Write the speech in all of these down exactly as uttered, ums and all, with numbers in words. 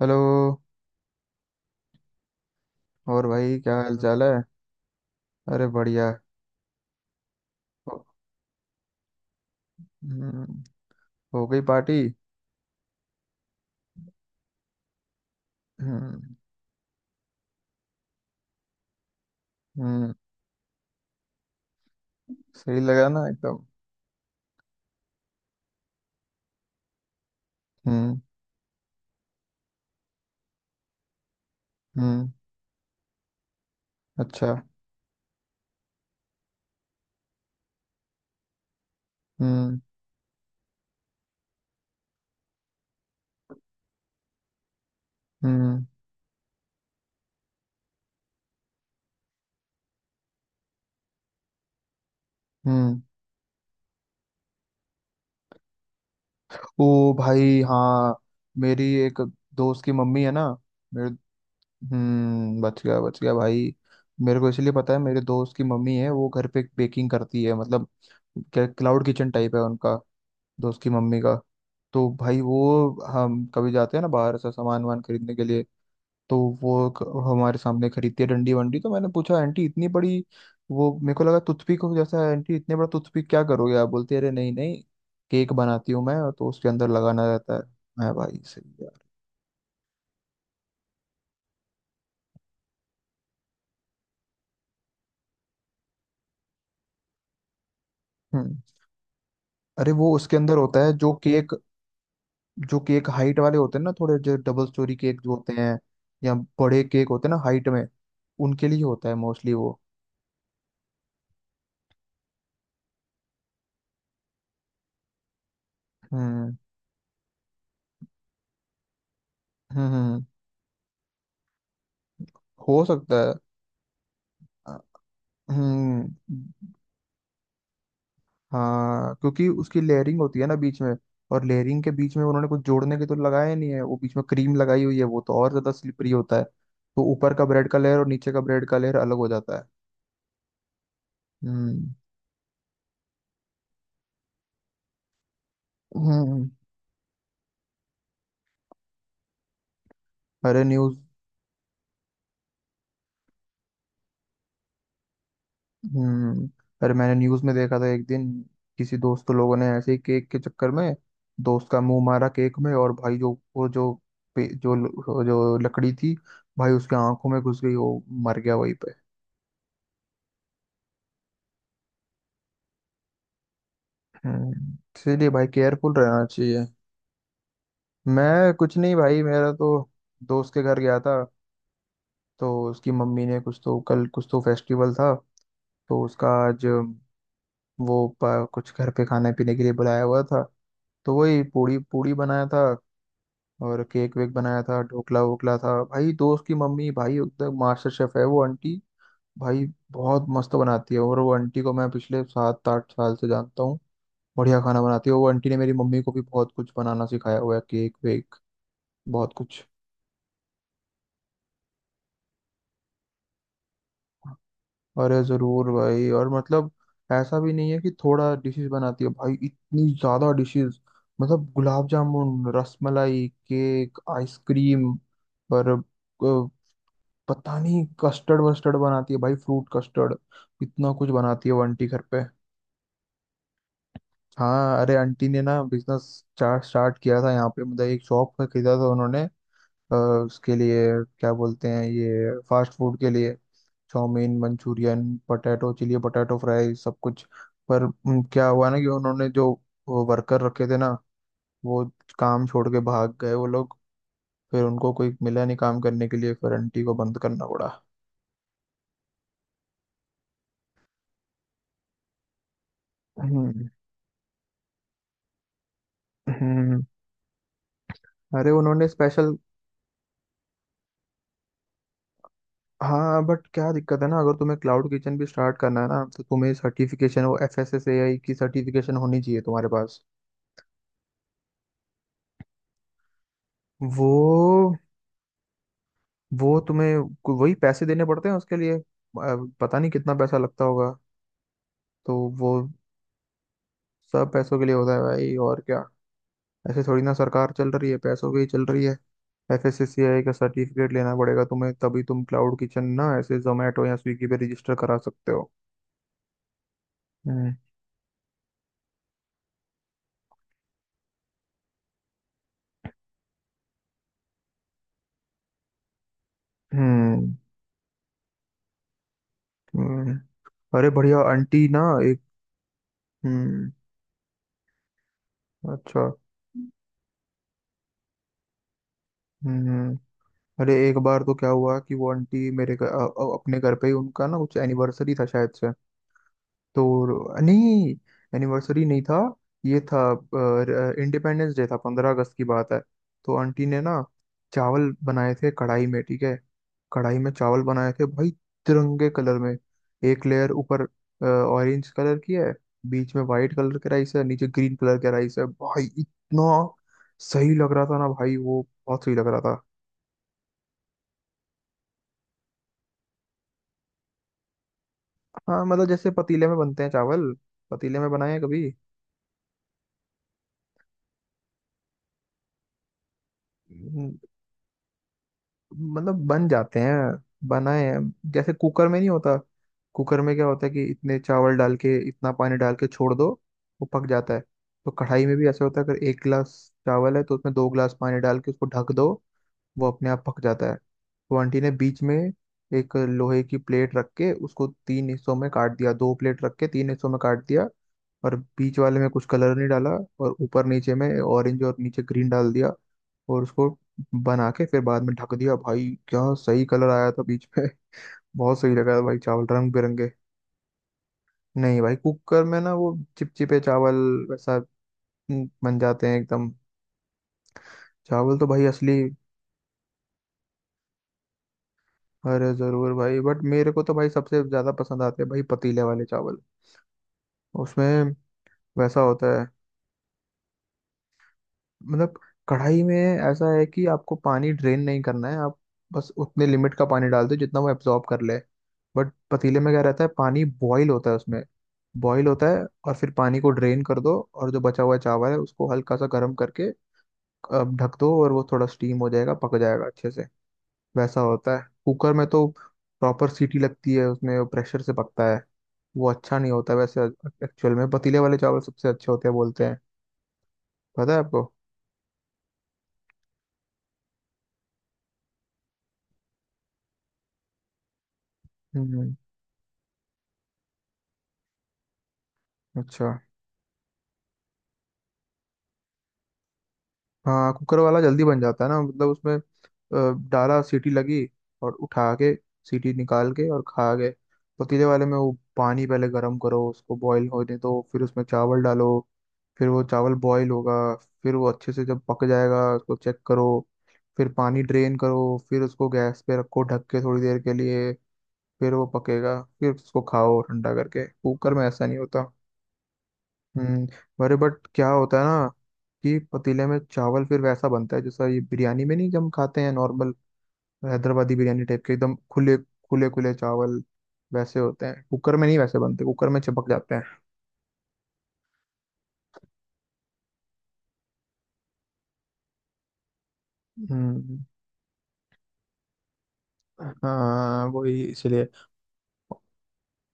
Hello. और भाई क्या हाल चाल है? अरे बढ़िया। हम्म, हो गई पार्टी? हम्म। हम्म, सही लगा ना एकदम? हम्म। हम्म। अच्छा। हम्म। हम्म। हम्म। ओ भाई हाँ, मेरी एक दोस्त की मम्मी है ना, मेरे, हम्म, बच गया बच गया भाई। मेरे को इसलिए पता है, मेरे दोस्त की मम्मी है वो घर पे बेकिंग करती है, मतलब क्या क्लाउड किचन टाइप है उनका, दोस्त की मम्मी का। तो भाई वो, हम कभी जाते हैं ना बाहर से सामान वामान खरीदने के लिए तो वो क- हमारे सामने खरीदती है डंडी वंडी, तो मैंने पूछा आंटी इतनी बड़ी, वो मेरे को लगा टूथपिक हो जैसा है। आंटी इतने बड़ा टूथपिक क्या करोगे आप? बोलती है, अरे नहीं नहीं, केक बनाती हूँ मैं, तो उसके अंदर लगाना रहता है। मैं भाई, सही यार। हम्म। अरे वो उसके अंदर होता है जो केक, जो केक हाइट वाले होते हैं ना थोड़े, जो डबल स्टोरी केक जो होते हैं या बड़े केक होते हैं ना हाइट में, उनके लिए होता है मोस्टली वो। हम्म। हम्म। हम्म। हम्म। हो सकता है। अ, हम्म। हाँ क्योंकि उसकी लेयरिंग होती है ना बीच में, और लेयरिंग के बीच में उन्होंने कुछ जोड़ने के तो लगाया नहीं है, वो बीच में क्रीम लगाई हुई है, वो तो और ज्यादा स्लिपरी होता है, तो ऊपर का ब्रेड का लेयर और नीचे का ब्रेड का लेयर अलग हो जाता है। हम्म। हम्म, अरे न्यूज, हम्म, अरे मैंने न्यूज में देखा था एक दिन किसी दोस्त लोगों ने ऐसे ही केक के चक्कर में दोस्त का मुंह मारा केक में, और भाई जो वो जो पे- जो, जो लकड़ी थी भाई उसके आंखों में घुस गई, वो मर गया वहीं पे। हम्म, इसीलिए भाई केयरफुल रहना चाहिए। मैं कुछ नहीं भाई, मेरा तो दोस्त के घर गया था, तो उसकी मम्मी ने कुछ, तो कल कुछ तो फेस्टिवल था तो उसका आज, वो प- कुछ घर पे खाने पीने के लिए बुलाया हुआ था। तो वही पूड़ी पूड़ी बनाया था और केक वेक बनाया था, ढोकला वोकला था। भाई दोस्त की मम्मी भाई एकदम मास्टर शेफ है वो आंटी, भाई बहुत मस्त बनाती है, और वो आंटी को मैं पिछले सात आठ साल से जानता हूँ। बढ़िया खाना बनाती है, वो आंटी ने मेरी मम्मी को भी बहुत कुछ बनाना सिखाया हुआ है, केक वेक, बहुत कुछ। अरे जरूर भाई, और मतलब ऐसा भी नहीं है कि थोड़ा डिशेस बनाती है भाई, इतनी ज्यादा डिशेस, मतलब गुलाब जामुन रसमलाई केक आइसक्रीम, और अ, पता नहीं कस्टर्ड वस्टर्ड बनाती है भाई, फ्रूट कस्टर्ड, इतना कुछ बनाती है वो आंटी घर पे। हाँ अरे आंटी ने ना बिजनेस स्टार्ट स्टार्ट किया था यहाँ पे, मतलब एक शॉप खरीदा था उन्होंने, अ, उसके लिए, क्या बोलते हैं ये फास्ट फूड के लिए chowmein Manchurian potato chilli potato fry सब कुछ। पर उम, क्या हुआ ना कि उन्होंने जो वर्कर रखे थे ना, वो काम छोड़ के भाग गए वो लोग। फिर उनको कोई मिला नहीं काम करने के लिए, फिर आंटी को बंद करना पड़ा। हम्म। हम्म। अरे उन्होंने स्पेशल, हाँ बट क्या दिक्कत है ना, अगर तुम्हें क्लाउड किचन भी स्टार्ट करना है ना तो तुम्हें सर्टिफिकेशन, वो F S S A I की सर्टिफिकेशन होनी चाहिए तुम्हारे पास। वो वो तुम्हें को- वही पैसे देने पड़ते हैं उसके लिए, अ, पता नहीं कितना पैसा लगता होगा तो वो। सब पैसों के लिए होता है भाई, और क्या, ऐसे थोड़ी ना सरकार चल रही है, पैसों की ही चल रही है। एफएससीआई का सर्टिफिकेट लेना पड़ेगा तुम्हें, तभी तुम क्लाउड किचन ना ऐसे जोमेटो या स्विगी पे रजिस्टर करा सकते हो। हम्म। हम्म। हम्म। अरे बढ़िया आंटी ना, एक, हम्म, अच्छा, हम्म। हम्म। अरे एक बार तो क्या हुआ कि वो आंटी मेरे घर अ- अ- अपने घर पे ही उनका ना कुछ एनिवर्सरी था शायद से, तो नहीं, एनिवर्सरी नहीं था, ये था, इंडिपेंडेंस डे था, पंद्रह अगस्त की बात है। तो आंटी ने ना चावल बनाए थे कढ़ाई में, ठीक है, कढ़ाई में चावल बनाए थे भाई, तिरंगे कलर में, एक लेयर ऊपर ऑरेंज कलर की है, बीच में वाइट कलर के राइस है, नीचे ग्रीन कलर के राइस है, भाई इतना सही लग रहा था ना भाई, वो बहुत सही लग रहा था। हाँ मतलब जैसे पतीले में बनते हैं चावल, पतीले में बनाए हैं कभी, मतलब बन जाते हैं, बनाए हैं। जैसे कुकर में नहीं होता, कुकर में क्या होता है कि इतने चावल डाल के इतना पानी डाल के छोड़ दो, वो पक जाता है। तो कढ़ाई में भी ऐसा होता है, अगर एक गिलास चावल है तो उसमें दो गिलास पानी डाल के उसको ढक दो, वो अपने आप पक जाता है। तो आंटी ने बीच में एक लोहे की प्लेट रख के उसको तीन हिस्सों में काट दिया, दो प्लेट रख के तीन हिस्सों में काट दिया, और बीच वाले में कुछ कलर नहीं डाला, और ऊपर नीचे में ऑरेंज और नीचे ग्रीन डाल दिया, और उसको बना के फिर बाद में ढक दिया। भाई क्या सही कलर आया था बीच में। बहुत सही लगा था भाई चावल रंग बिरंगे। नहीं भाई कुकर में ना वो चिपचिपे चावल वैसा, हम्म, बन जाते हैं एकदम। चावल तो भाई असली, अरे जरूर भाई, बट मेरे को तो भाई सबसे ज्यादा पसंद आते हैं भाई पतीले वाले चावल, उसमें वैसा होता है। मतलब कढ़ाई में ऐसा है कि आपको पानी ड्रेन नहीं करना है, आप बस उतने लिमिट का पानी डाल दो जितना वो एब्जॉर्ब कर ले। बट पतीले में क्या रहता है, पानी बॉईल होता है उसमें, बॉईल होता है और फिर पानी को ड्रेन कर दो, और जो बचा हुआ चावल है उसको हल्का सा गर्म करके अ, ढक दो, और वो थोड़ा स्टीम हो जाएगा, पक जाएगा अच्छे से। वैसा होता है। कुकर में तो प्रॉपर सीटी लगती है उसमें, वो प्रेशर से पकता है, वो अच्छा नहीं होता वैसे। एक्चुअल में पतीले वाले चावल सबसे अच्छे होते हैं बोलते हैं, पता है आपको। हम्म। अच्छा। हाँ कुकर वाला जल्दी बन जाता है ना, मतलब उसमें अ, डाला, सीटी लगी, और उठा के सीटी निकाल के और खा गए। पतीले वाले में वो पानी पहले गर्म करो, उसको बॉईल होने दो, फिर उसमें चावल डालो, फिर वो चावल बॉईल होगा, फिर वो अच्छे से जब पक जाएगा उसको चेक करो, फिर पानी ड्रेन करो, फिर उसको गैस पे रखो ढक के थोड़ी देर के लिए, फिर वो पकेगा, फिर उसको खाओ ठंडा करके। कुकर में ऐसा नहीं होता। हम्म, अरे बट क्या होता है ना कि पतीले में चावल फिर वैसा बनता है जैसा ये बिरयानी में, नहीं, जब हम खाते हैं नॉर्मल हैदराबादी बिरयानी टाइप के, एकदम खुले खुले खुले चावल, वैसे होते हैं, कुकर में नहीं वैसे बनते, कुकर में चिपक जाते हैं। हम्म, हाँ वही इसलिए।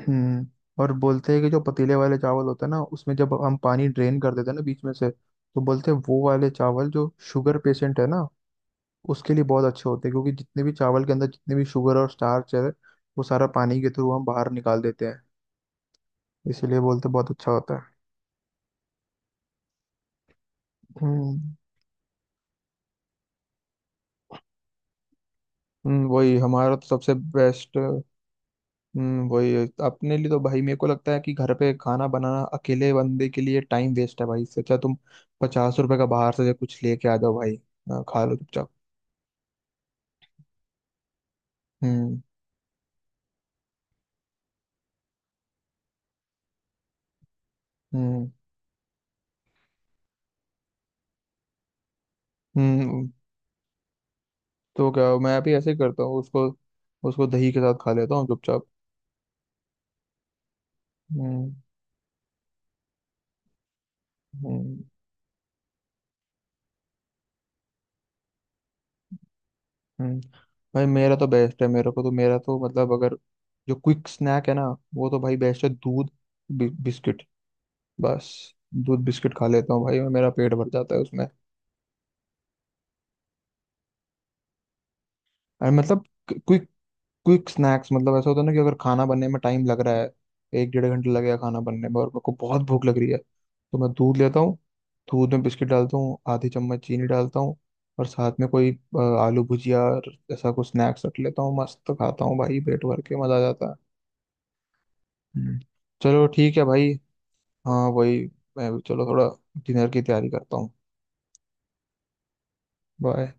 हम्म, और बोलते हैं कि जो पतीले वाले चावल होते हैं ना उसमें जब हम पानी ड्रेन कर देते हैं ना बीच में से, तो बोलते हैं वो वाले चावल जो शुगर पेशेंट है ना उसके लिए बहुत अच्छे होते हैं, क्योंकि जितने भी चावल के अंदर जितने भी शुगर और स्टार्च है, वो सारा पानी के थ्रू हम बाहर निकाल देते हैं। इसीलिए बोलते हैं बहुत अच्छा होता है। हम्म, हम्म, वही हमारा तो सबसे बेस्ट, हम्म वही है। अपने लिए तो भाई मेरे को लगता है कि घर पे खाना बनाना अकेले बंदे के लिए टाइम वेस्ट है भाई, इससे अच्छा तुम पचास रुपए का बाहर से कुछ लेके आ जाओ भाई। हाँ, खा लो चुपचाप। हम्म। हम्म। हम्म, तो क्या मैं भी ऐसे ही करता हूँ उसको, उसको दही के साथ खा लेता हूँ चुपचाप। हम्म। हम्म। हम्म। भाई मेरा तो बेस्ट है, मेरे को तो, मेरा तो, मतलब अगर जो क्विक स्नैक है ना वो तो भाई बेस्ट है, दूध बि, बिस्किट, बस दूध बिस्किट खा लेता हूँ भाई मैं, मेरा पेट भर जाता है उसमें। और मतलब क्विक, क्विक स्नैक्स मतलब ऐसा होता है ना कि अगर खाना बनने में टाइम लग रहा है, एक डेढ़ घंटे लग गया खाना बनने में और मेरे को बहुत भूख लग रही है, तो मैं दूध लेता हूँ, दूध में बिस्किट डालता हूँ, आधी चम्मच चीनी डालता हूँ, और साथ में कोई अ, आलू भुजिया और ऐसा कुछ स्नैक्स रख लेता हूँ, मस्त खाता हूँ भाई पेट भर के, मजा आ जाता है। हम्म। चलो ठीक है भाई, हाँ वही, मैं भी चलो थोड़ा डिनर की तैयारी करता हूँ। बाय।